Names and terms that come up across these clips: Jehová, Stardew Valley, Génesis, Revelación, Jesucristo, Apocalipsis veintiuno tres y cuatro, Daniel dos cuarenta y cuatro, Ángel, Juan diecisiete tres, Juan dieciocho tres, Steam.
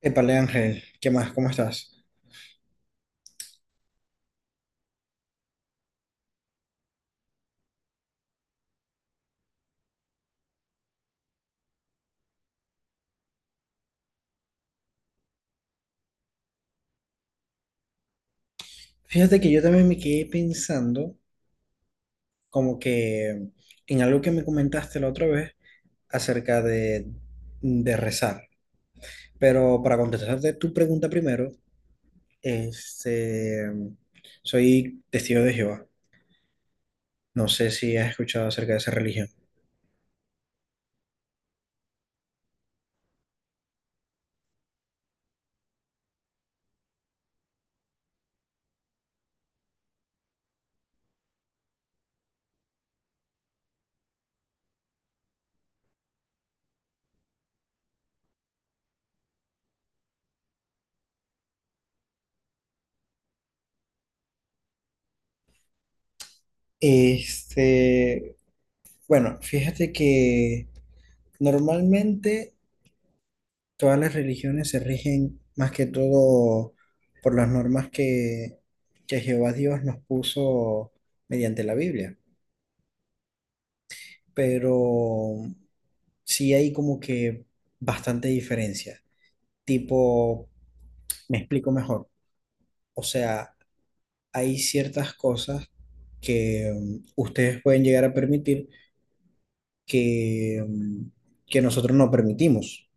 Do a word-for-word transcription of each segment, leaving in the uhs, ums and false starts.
Epale Ángel, ¿qué más? ¿Cómo estás? Fíjate que yo también me quedé pensando como que en algo que me comentaste la otra vez acerca de, de rezar. Pero para contestarte tu pregunta primero, este, soy testigo de Jehová. No sé si has escuchado acerca de esa religión. Este, bueno, fíjate que normalmente Todas las religiones se rigen más que todo por las normas que, que Jehová Dios nos puso mediante la Biblia, pero sí hay como que bastante diferencia. Tipo, me explico mejor. O sea, hay ciertas cosas que mm, ustedes pueden llegar a permitir que, mm, que nosotros no permitimos.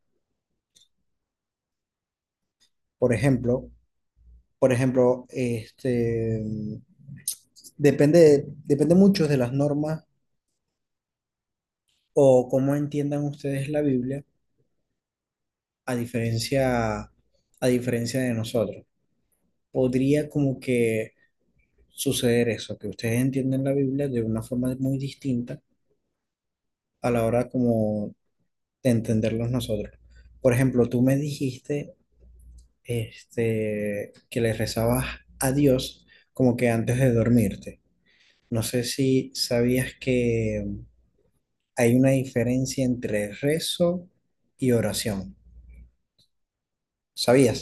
Por ejemplo, por ejemplo, este, depende, depende mucho de las normas o cómo entiendan ustedes la Biblia a diferencia, a diferencia de nosotros. Podría como que suceder eso, que ustedes entienden la Biblia de una forma muy distinta a la hora como de entenderlos nosotros. Por ejemplo, tú me dijiste este, que le rezabas a Dios como que antes de dormirte. No sé si sabías que Hay una diferencia entre rezo y oración. ¿Sabías?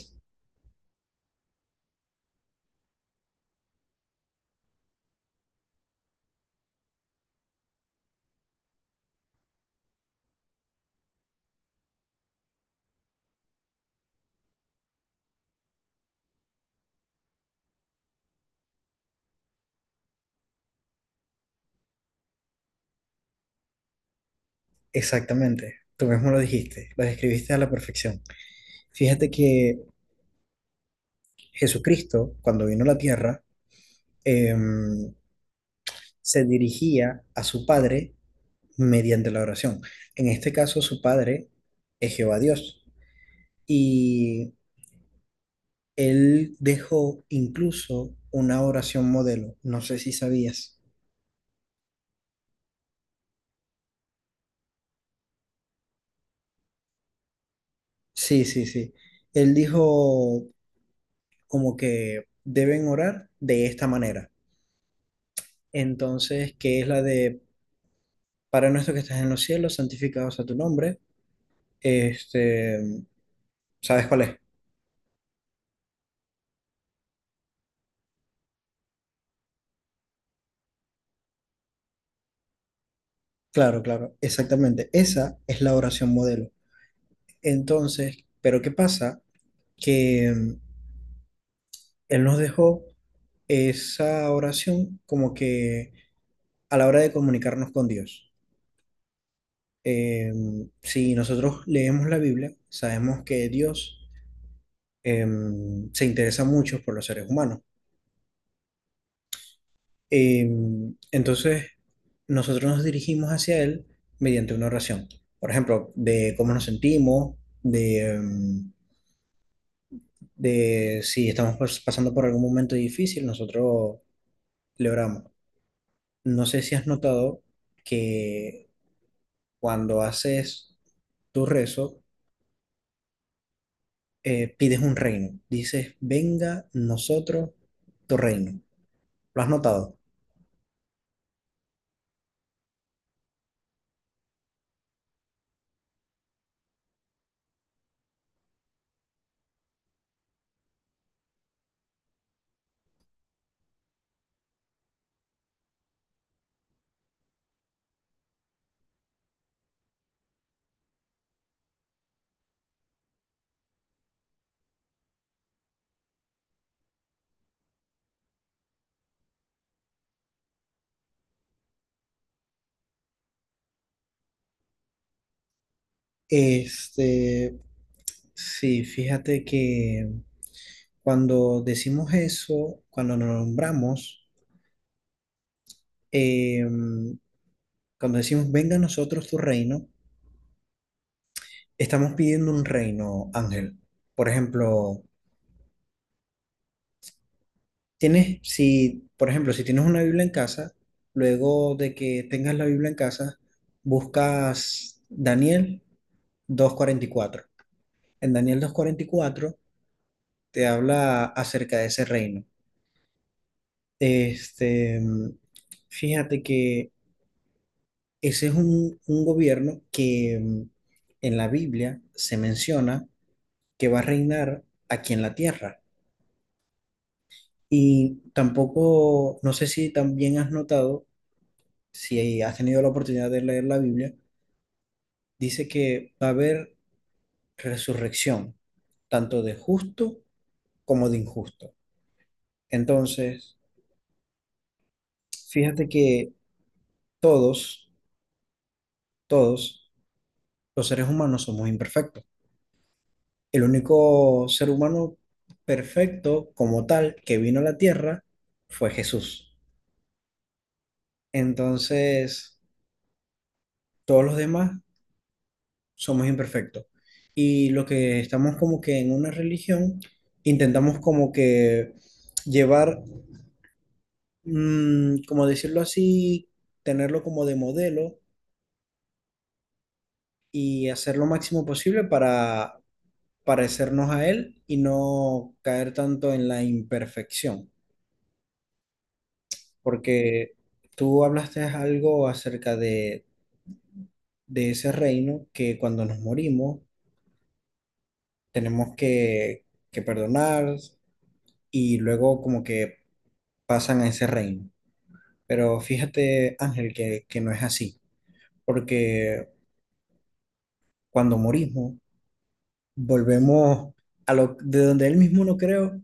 Exactamente. Tú mismo lo dijiste, lo describiste a la perfección. Fíjate que Jesucristo, cuando vino a la tierra, em, se dirigía a su Padre mediante la oración. En este caso, su Padre es Jehová Dios. Y él dejó incluso una oración modelo. No sé si sabías. Sí, sí, sí. Él dijo, como que deben orar de esta manera. Entonces, que es la de, Padre nuestro que estás en los cielos, santificado sea tu nombre. Este, ¿sabes cuál es? Claro, claro, exactamente. Esa es la oración modelo. Entonces, pero ¿qué pasa? Que mm, Él nos dejó esa oración como que a la hora de comunicarnos con Dios. Em, si nosotros leemos la Biblia, sabemos que Dios em, se interesa mucho por los seres humanos. Eh, entonces, nosotros nos dirigimos hacia Él mediante una oración. Por ejemplo, de cómo nos sentimos, de, em, de si estamos pas- pasando por algún momento difícil, nosotros le oramos. No sé si has notado que cuando haces tu rezo, eh, pides un reino. Dices, venga nosotros tu reino. ¿Lo has notado? Este, sí, fíjate que... Cuando decimos eso, cuando nos nombramos, eh, cuando decimos venga a nosotros tu reino, estamos pidiendo un reino, Ángel. Por ejemplo, tienes, si, por ejemplo, si tienes una Biblia en casa, luego de que tengas la Biblia en casa, buscas Daniel dos cuarenta y cuatro. En Daniel dos cuarenta y cuatro te habla acerca de ese reino. Este, fíjate que Ese es un, un gobierno que mm, en la Biblia se menciona que va a reinar aquí en la tierra. Y tampoco, no sé si también has notado, si has tenido la oportunidad de leer la Biblia, dice que va a haber resurrección, tanto de justo como de injusto. Entonces, fíjate que todos, todos los seres humanos somos imperfectos. El único ser humano perfecto como tal que vino a la tierra fue Jesús. Entonces, todos los demás somos imperfectos. Y lo que estamos como que en una religión, intentamos como que llevar, mm, como decirlo así, tenerlo como de modelo y hacer lo máximo posible para parecernos a él y no caer tanto en la imperfección. porque tú hablaste algo acerca de, de ese reino que cuando nos morimos tenemos que, que perdonar y luego como que pasan a ese reino. Pero fíjate, Ángel, que, que no es así, porque cuando morimos volvemos a lo de donde él mismo no creo,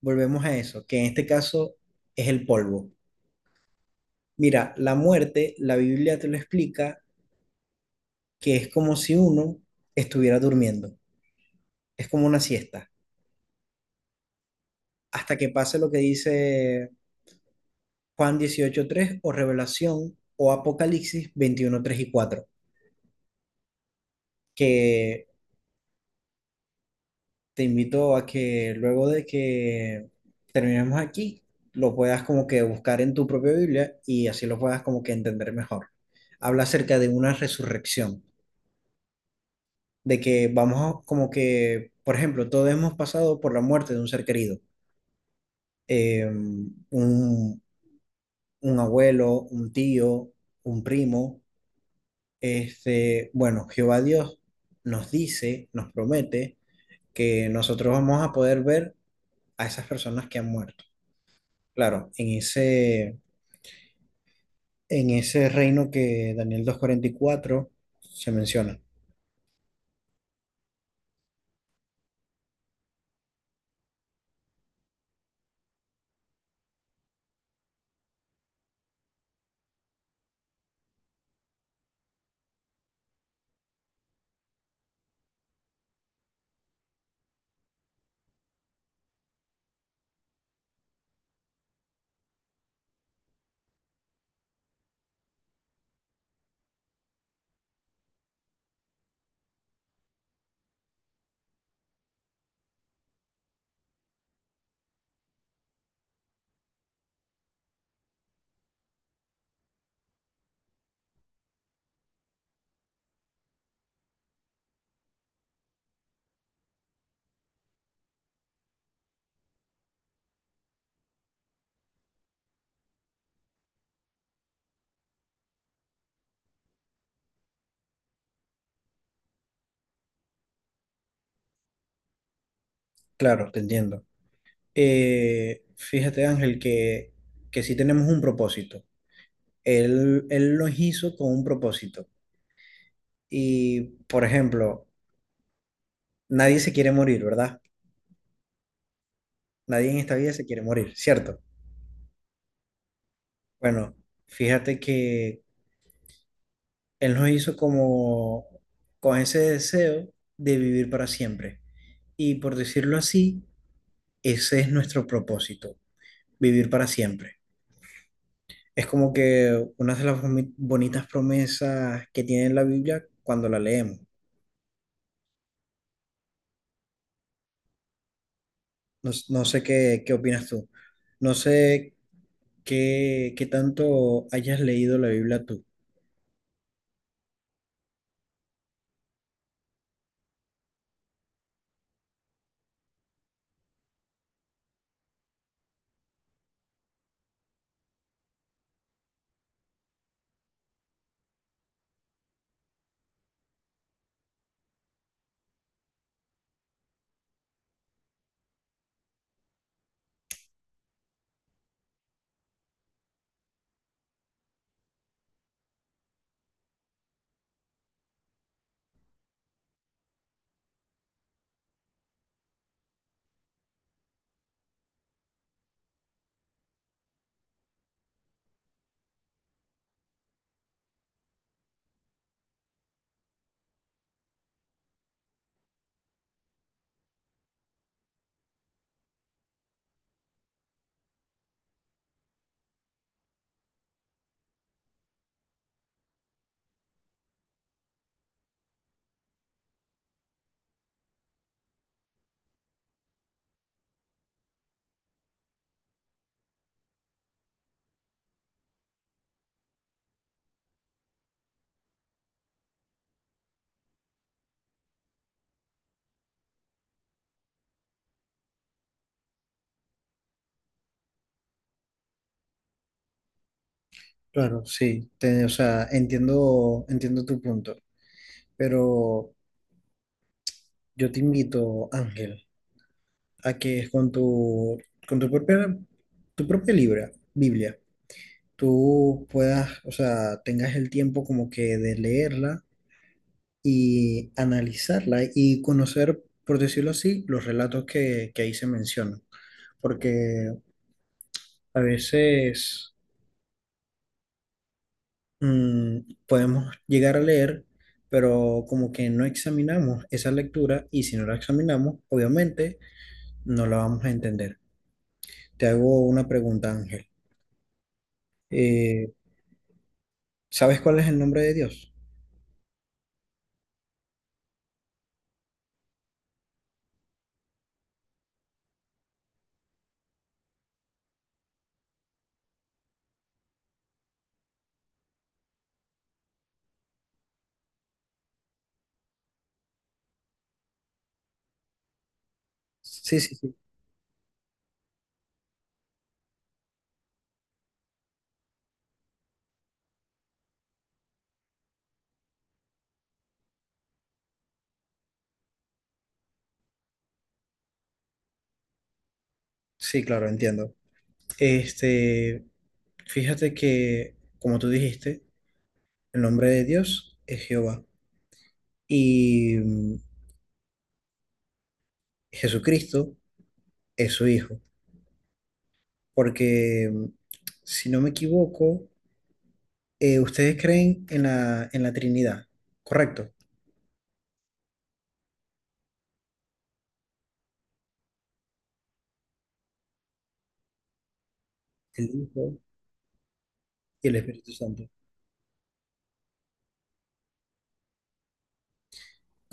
volvemos a eso, que en este caso es el polvo. Mira, la muerte, la Biblia te lo explica, que es como si uno estuviera durmiendo. Es como una siesta. Hasta que pase lo que dice Juan dieciocho tres o Revelación o Apocalipsis veintiuno tres y cuatro. Que te invito a que luego de que terminemos aquí, lo puedas como que buscar en tu propia Biblia y así lo puedas como que entender mejor. Habla acerca de una resurrección, de que vamos a- como que, por ejemplo, todos hemos pasado por la muerte de un ser querido, eh, un, un abuelo, un tío, un primo. Este, bueno, Jehová Dios nos dice, nos promete que nosotros vamos a poder ver a esas personas que han muerto. Claro, en ese, en ese reino que Daniel dos cuarenta y cuatro se menciona. Claro, te entiendo. Eh, fíjate, Ángel, que, que sí tenemos un propósito. Él, él los hizo con un propósito. Y, por ejemplo, nadie se quiere morir, ¿verdad? Nadie en esta vida se quiere morir, ¿cierto? Bueno, fíjate que Él nos hizo como con ese deseo de vivir para siempre. Y por decirlo así, ese es nuestro propósito, vivir para siempre. Es como que una de las boni- bonitas promesas que tiene la Biblia cuando la leemos. No, s- no sé qué, qué opinas tú. No sé qué, qué tanto hayas leído la Biblia tú. Claro, sí, te- o sea, entiendo, entiendo tu punto, pero yo te invito, Ángel, a que es con tu, con tu propia, tu propia libra, Biblia, tú puedas, o sea, tengas el tiempo como que de leerla y analizarla y conocer, por decirlo así, los relatos que, que ahí se mencionan. Porque a veces mm, podemos llegar a leer, pero como que no examinamos esa lectura y si no la examinamos, obviamente no la vamos a entender. Te hago una pregunta, Ángel. Eh, ¿Sabes cuál es el nombre de Dios? Sí, sí, sí. Sí, claro, entiendo. Este, fíjate que, como tú dijiste, el nombre de Dios es Jehová y mm, Jesucristo es su Hijo. Porque, mm, si no me equivoco, eh, ustedes creen en la, en la Trinidad, ¿correcto? El Hijo y el Espíritu Santo.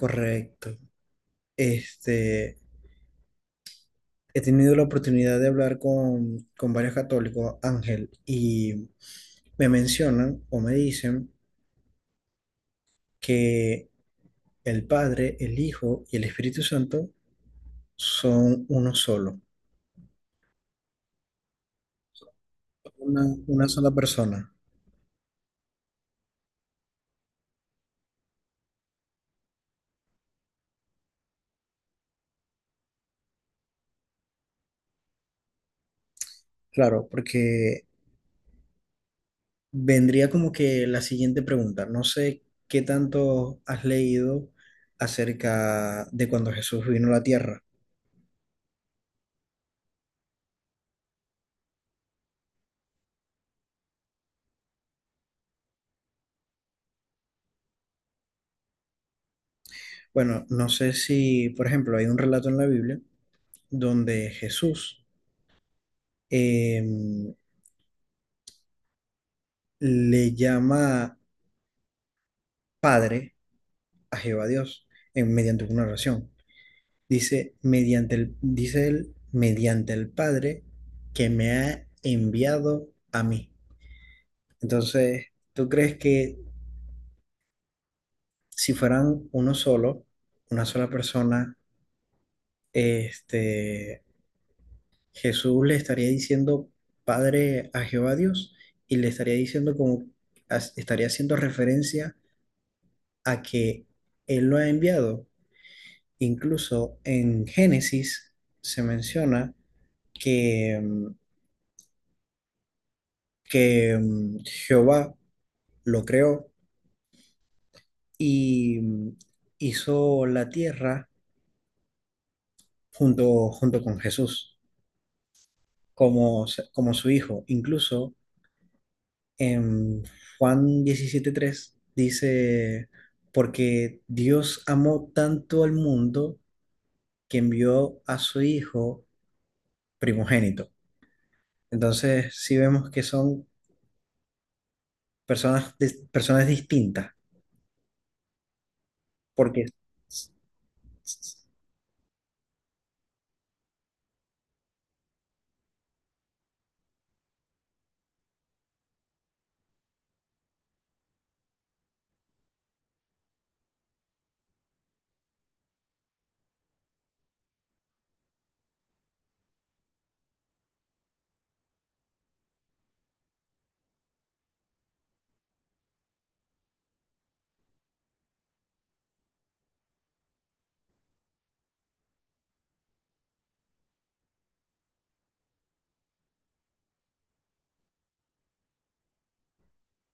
Correcto. Este, he tenido la oportunidad de hablar con, con varios católicos, Ángel, y me mencionan o me dicen que el Padre, el Hijo y el Espíritu Santo son uno solo, una, una sola persona. Claro, porque vendría como que la siguiente pregunta. No sé qué tanto has leído acerca de cuando Jesús vino a la tierra. Bueno, no sé si, por ejemplo, hay un relato en la Biblia donde Jesús em, le llama padre a Jehová Dios en, mediante una oración. Dice, mediante el, dice él, mediante el Padre que me ha enviado a mí. Entonces, ¿tú crees que si fueran uno solo, una sola persona, este, Jesús le estaría diciendo Padre a Jehová Dios y le estaría diciendo como, as- estaría haciendo referencia a que Él lo ha enviado? Incluso en Génesis se menciona que, mm, que mm, Jehová lo creó y mm, hizo la tierra junto, junto con Jesús, como, como su hijo. Incluso en Juan diecisiete tres dice, porque Dios amó tanto al mundo que envió a su hijo primogénito. Entonces, sí vemos que son personas, personas distintas. Porque,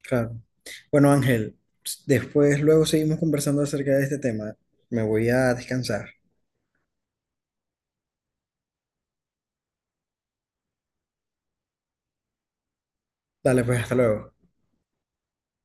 claro. Bueno, Ángel, después luego seguimos conversando acerca de este tema. Me voy a descansar. Dale, pues, hasta luego.